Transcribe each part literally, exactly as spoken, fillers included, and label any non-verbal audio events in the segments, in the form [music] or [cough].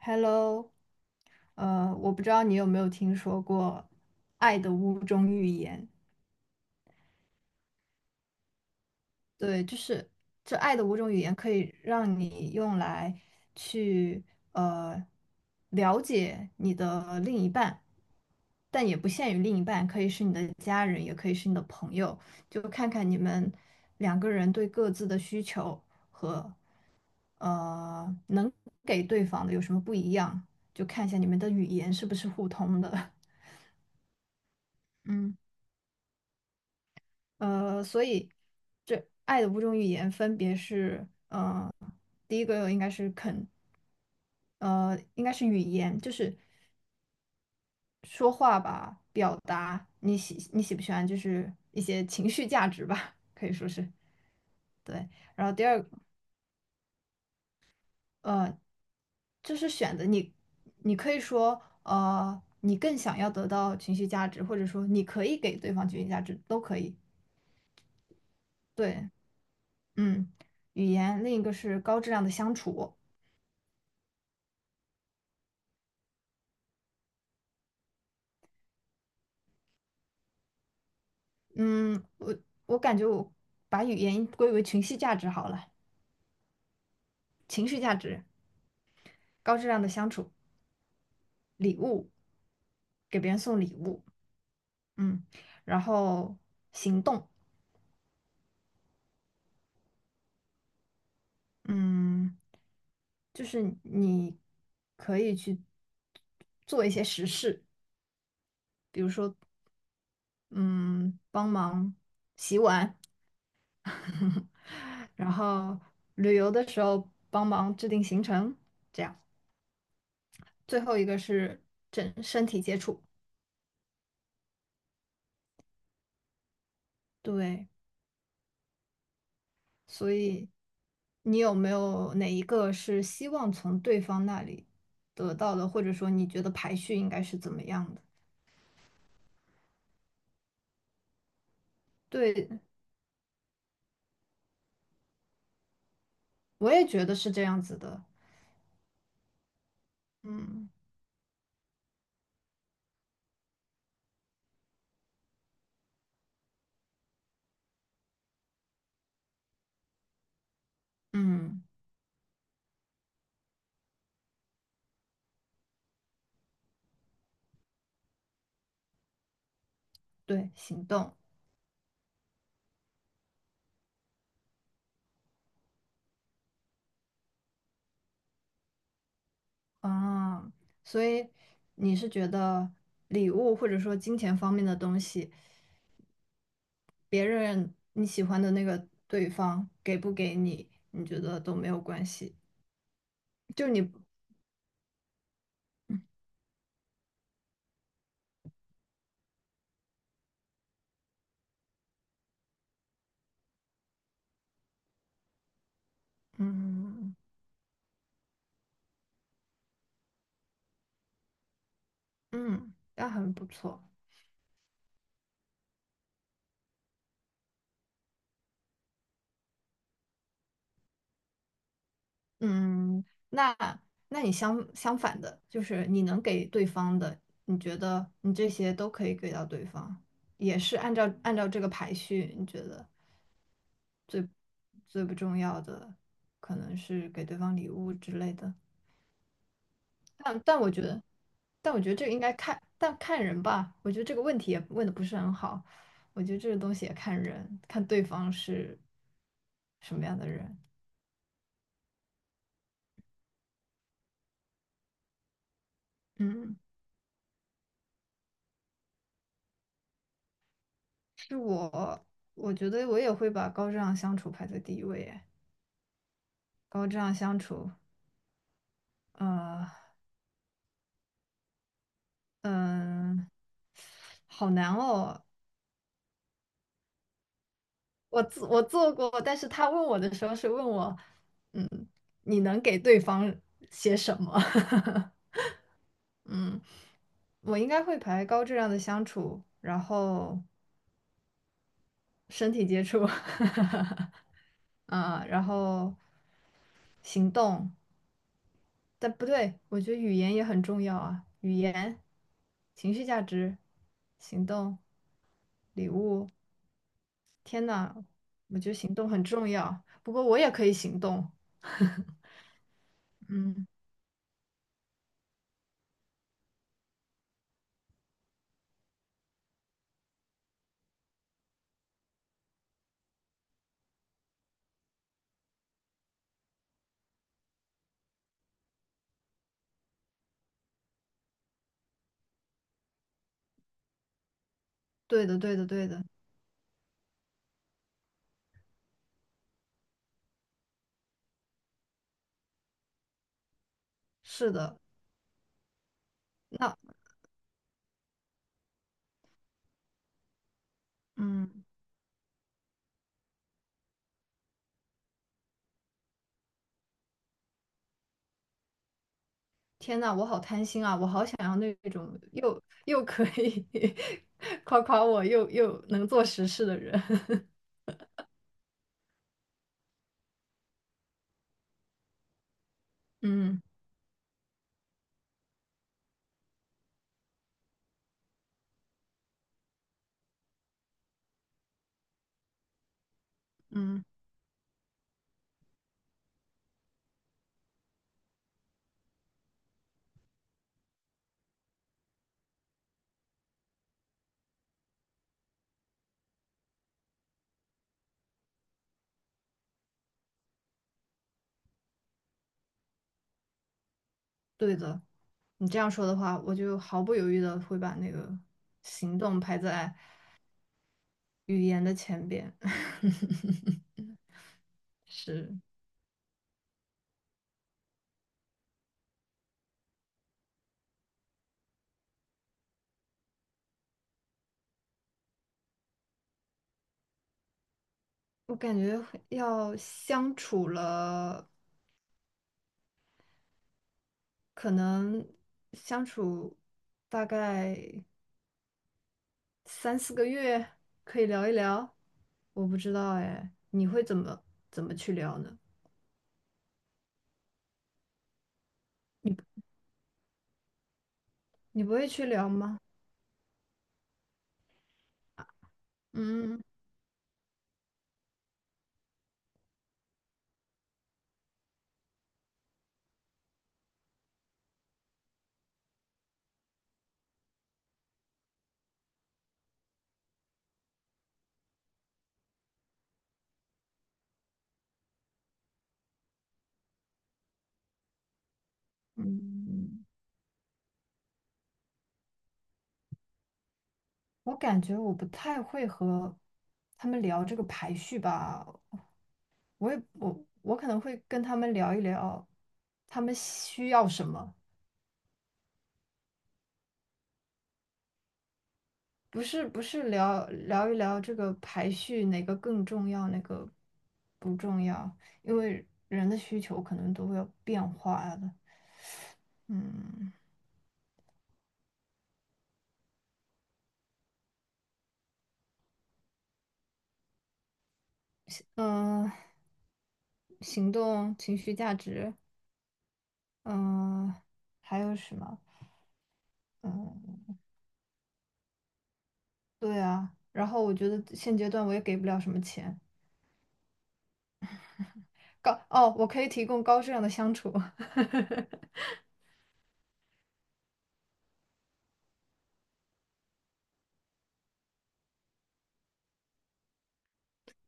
Hello，呃，我不知道你有没有听说过《爱的五种语言》。对，就是这《爱的五种语言》可以让你用来去呃了解你的另一半，但也不限于另一半，可以是你的家人，也可以是你的朋友，就看看你们两个人对各自的需求和呃能给对方的有什么不一样，就看一下你们的语言是不是互通的。[laughs] 嗯呃，所以这爱的五种语言分别是，呃，第一个应该是肯，呃，应该是语言，就是说话吧，表达你喜你喜不喜欢，就是一些情绪价值吧，[laughs] 可以说是对。然后第二，呃，就是选择你，你可以说，呃，你更想要得到情绪价值，或者说你可以给对方情绪价值，都可以。对，嗯，语言，另一个是高质量的相处。嗯，我我感觉我把语言归为情绪价值好了，情绪价值，高质量的相处，礼物，给别人送礼物，嗯，然后行动，嗯，就是你可以去做一些实事，比如说，嗯，帮忙洗碗，[laughs] 然后旅游的时候帮忙制定行程，这样。最后一个是整身体接触。对，所以你有没有哪一个是希望从对方那里得到的，或者说你觉得排序应该是怎么样的？对，我也觉得是这样子的。嗯嗯，对，行动啊，所以你是觉得礼物或者说金钱方面的东西，别人你喜欢的那个对方给不给你，你觉得都没有关系，就你嗯。嗯，那很不错。嗯，那那你相相反的，就是你能给对方的，你觉得你这些都可以给到对方，也是按照按照这个排序，你觉得最不重要的可能是给对方礼物之类的。但但我觉得，但我觉得这个应该看，但看人吧。我觉得这个问题也问的不是很好。我觉得这个东西也看人，看对方是什么样的人。嗯是我，我觉得我也会把高质量相处排在第一位耶。高质量相处，呃，嗯，好难哦。我做我做过，但是他问我的时候是问我，嗯，你能给对方些什么？[laughs] 嗯，我应该会排高质量的相处，然后身体接触，[laughs] 啊，然后行动，但不对，我觉得语言也很重要啊，语言、情绪价值、行动、礼物。天呐，我觉得行动很重要。不过我也可以行动。嗯，对的，对的，对的，是的。那，嗯，天呐，我好贪心啊，我好想要那种又又可以 [laughs] 夸夸我，又又能做实事的人。[laughs] 嗯嗯，对的。你这样说的话，我就毫不犹豫的会把那个行动排在。语言的前边。[laughs] 是我感觉会要相处了，可能相处大概三四个月，可以聊一聊。我不知道哎，你会怎么怎么去聊呢？你你不会去聊吗？嗯嗯，我感觉我不太会和他们聊这个排序吧。我也我我可能会跟他们聊一聊，他们需要什么。不是不是聊聊一聊这个排序哪个更重要，哪个不重要，因为人的需求可能都会有变化的。嗯嗯、呃行动、情绪价值，嗯、还有什么？嗯，对啊。然后我觉得现阶段我也给不了什么钱，高哦，我可以提供高质量的相处，[laughs]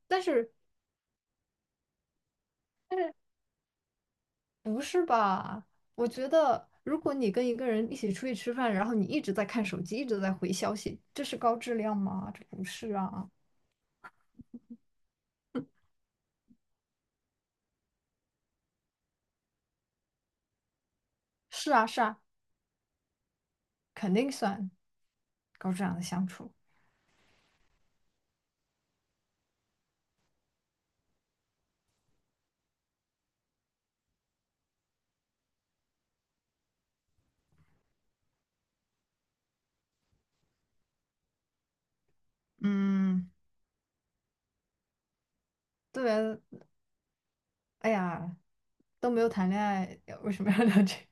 但是但是。不是吧？我觉得，如果你跟一个人一起出去吃饭，然后你一直在看手机，一直在回消息，这是高质量吗？这不是啊。是啊，是啊，肯定算高质量的相处。嗯，对，哎呀，都没有谈恋爱，为什么要聊这个？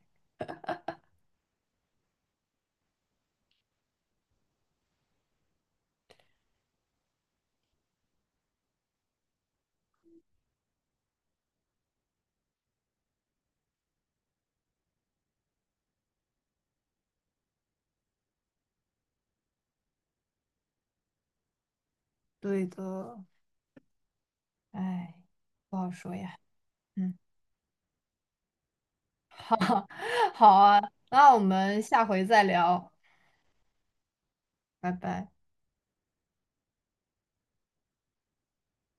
[laughs] 对的，哎，不好说呀。嗯，好，[laughs] 好啊，那我们下回再聊，拜拜。